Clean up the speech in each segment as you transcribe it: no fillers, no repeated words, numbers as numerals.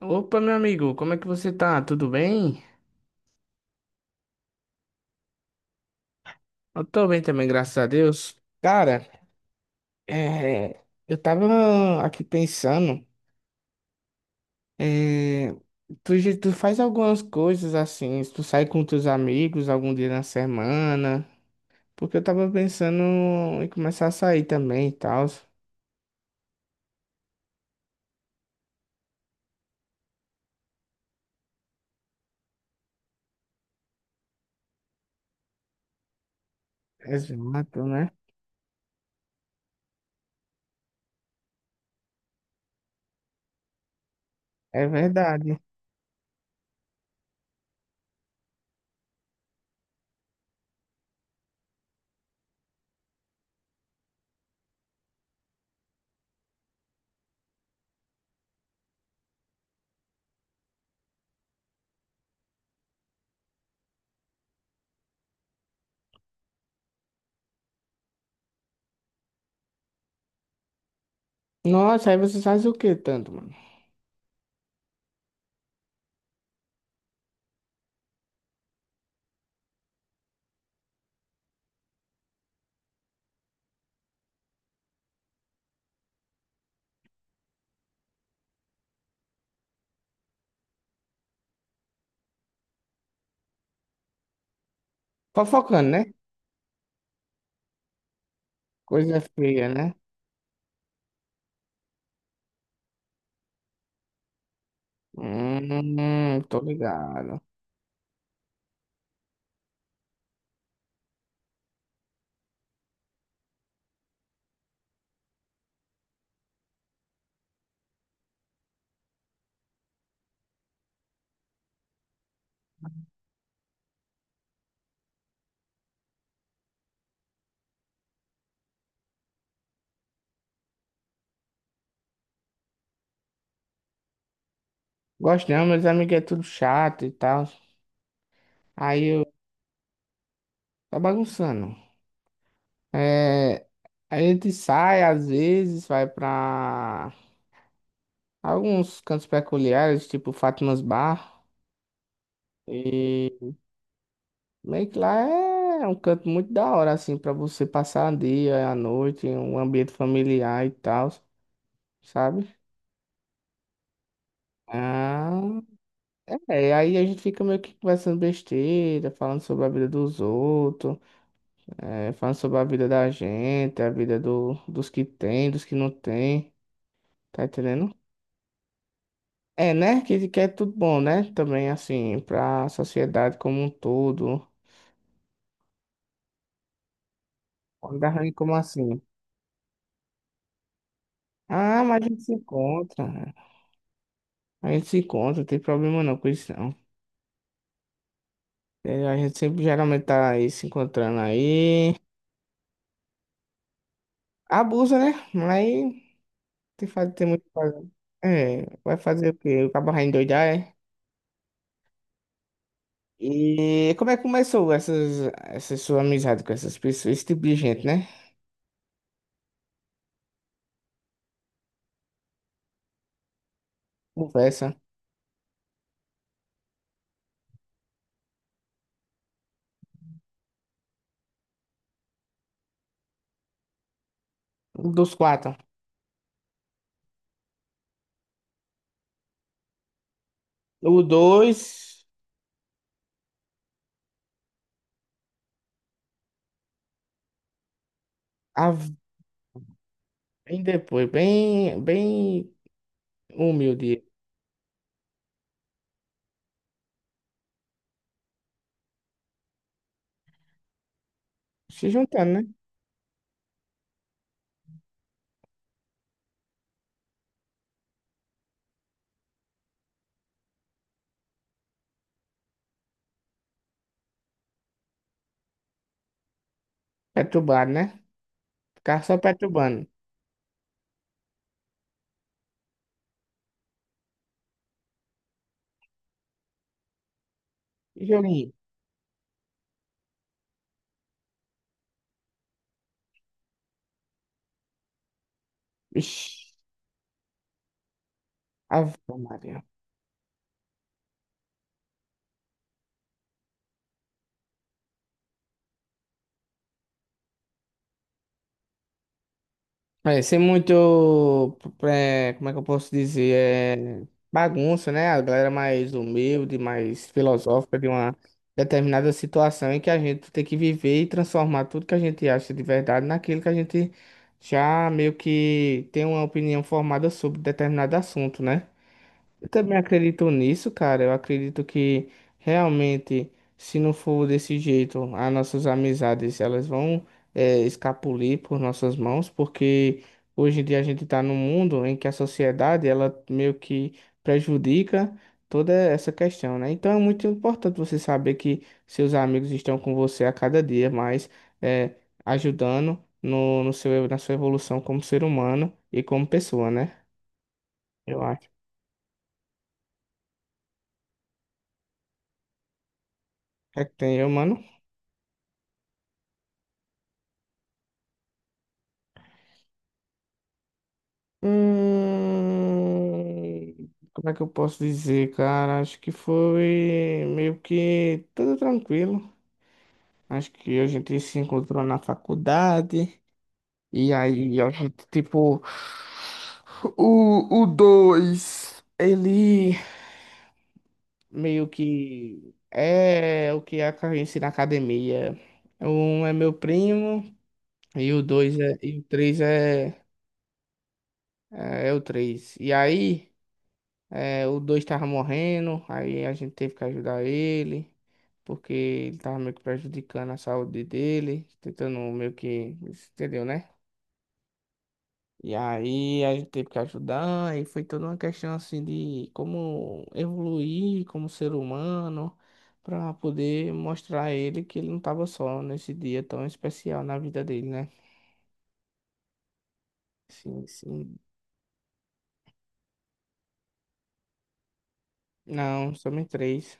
Opa, meu amigo, como é que você tá? Tudo bem? Eu tô bem também, graças a Deus. Cara, é, eu tava aqui pensando, é, tu faz algumas coisas assim, tu sai com teus amigos algum dia na semana, porque eu tava pensando em começar a sair também e tal. Exato, né? É verdade. Nossa, aí você faz o que tanto, mano? Fofocando, né? Coisa feia, né? Tô ligado. Gosto não, meus amigos é tudo chato e tal. Aí eu tá bagunçando. É, a gente sai às vezes, vai pra alguns cantos peculiares, tipo Fátima's Bar. E meio que lá é um canto muito da hora, assim, pra você passar o dia, a noite, um ambiente familiar e tal, sabe? Ah, é, aí a gente fica meio que conversando besteira, falando sobre a vida dos outros. É, falando sobre a vida da gente, a vida dos que tem, dos que não tem, tá entendendo? É, né? Que é tudo bom, né? Também, assim, pra sociedade como um todo. Quando arranha como assim? Ah, mas a gente se encontra. A gente se encontra, não tem problema não com isso, não. É, a gente sempre geralmente tá aí se encontrando aí. Abusa, né? Mas tem muito o que fazer. É, vai fazer o quê? O cabo vai endoidar, é? E como é que começou essa sua amizade com essas pessoas, esse tipo de gente, né? Conversa. Um dos quatro. O dois, a- bem depois, bem humilde. Se juntando, né? Perturbado, né? Ficar só perturbando. Que joguinho. Ixi, Ave Maria. É, ser muito, como é que eu posso dizer, bagunça, né? A galera mais humilde, mais filosófica de uma determinada situação em que a gente tem que viver e transformar tudo que a gente acha de verdade naquilo que a gente já meio que tem uma opinião formada sobre determinado assunto, né? Eu também acredito nisso, cara. Eu acredito que realmente, se não for desse jeito, as nossas amizades elas vão escapulir por nossas mãos, porque hoje em dia a gente está num mundo em que a sociedade ela meio que prejudica toda essa questão, né? Então é muito importante você saber que seus amigos estão com você a cada dia, mais eh, ajudando no seu, na sua evolução como ser humano e como pessoa, né? Eu acho. É que tem, eu, mano. Como é que eu posso dizer, cara? Acho que foi meio que tudo tranquilo. Acho que a gente se encontrou na faculdade. E aí a gente, tipo, o dois, ele meio que é o que acontece na academia. Um é meu primo e o dois é, e o três é, é o três. E aí. É, o dois tava morrendo, aí a gente teve que ajudar ele, porque ele tava meio que prejudicando a saúde dele, tentando meio que, entendeu, né? E aí a gente teve que ajudar, e foi toda uma questão assim de como evoluir como ser humano, pra poder mostrar a ele que ele não tava só nesse dia tão especial na vida dele, né? Sim, sim. Não, somos três.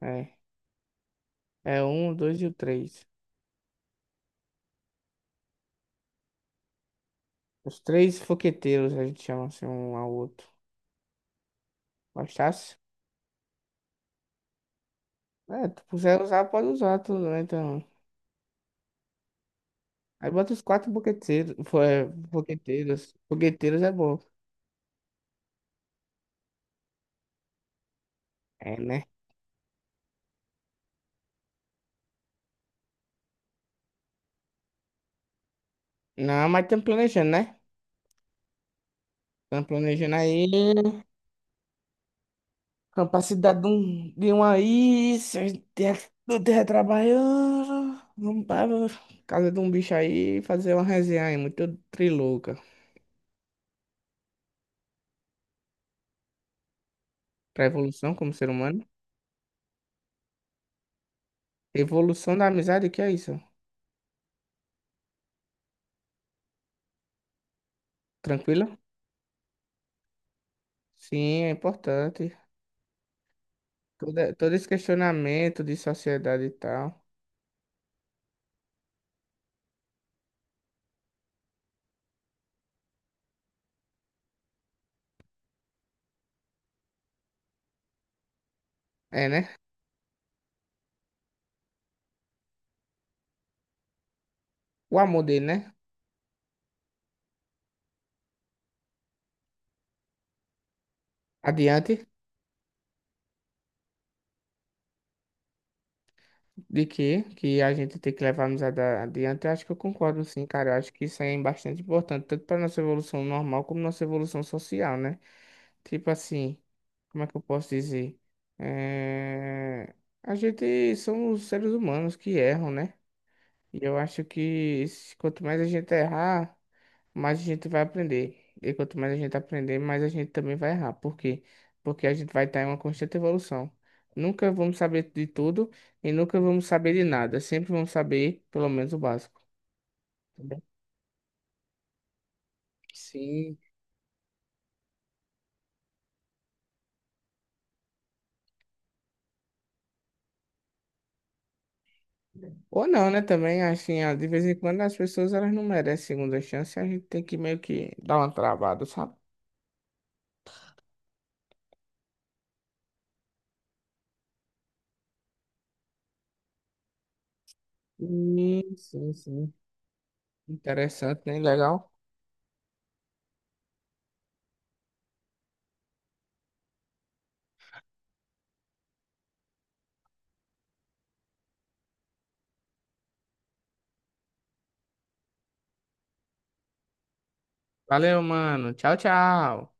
É, é um, o dois e o três. Os três foqueteiros a gente chama assim um ao outro. Gostasse? É, tu quiser usar, pode usar tudo, né? Então. Aí bota os quatro boqueteiros. Foi, boqueteiros. Boqueteiros é bom. É, né? Não, mas estamos planejando, né? Estamos planejando aí. Capacidade de um aí. Se a gente do terra trabalhando. Vamos para casa de um bicho aí fazer uma resenha aí, muito trilouca. Pra evolução como ser humano. Evolução da amizade, o que é isso? Tranquilo? Sim, é importante. Todo esse questionamento de sociedade e tal. É, né? O amor dele, né? Adiante de que a gente tem que levar a amizade adiante, eu acho que eu concordo sim, cara. Eu acho que isso aí é bastante importante, tanto para nossa evolução normal como nossa evolução social, né? Tipo assim, como é que eu posso dizer? É... A gente somos seres humanos que erram, né? E eu acho que quanto mais a gente errar, mais a gente vai aprender. E quanto mais a gente aprender, mais a gente também vai errar. Por quê? Porque a gente vai estar em uma constante evolução. Nunca vamos saber de tudo e nunca vamos saber de nada. Sempre vamos saber pelo menos o básico. Entendeu? Sim. Ou não, né? Também, assim, ah, de vez em quando as pessoas elas não merecem segunda chance, a gente tem que meio que dar uma travada, sabe? Sim, sim, sim. Interessante, né? Legal. Valeu, mano. Tchau, tchau.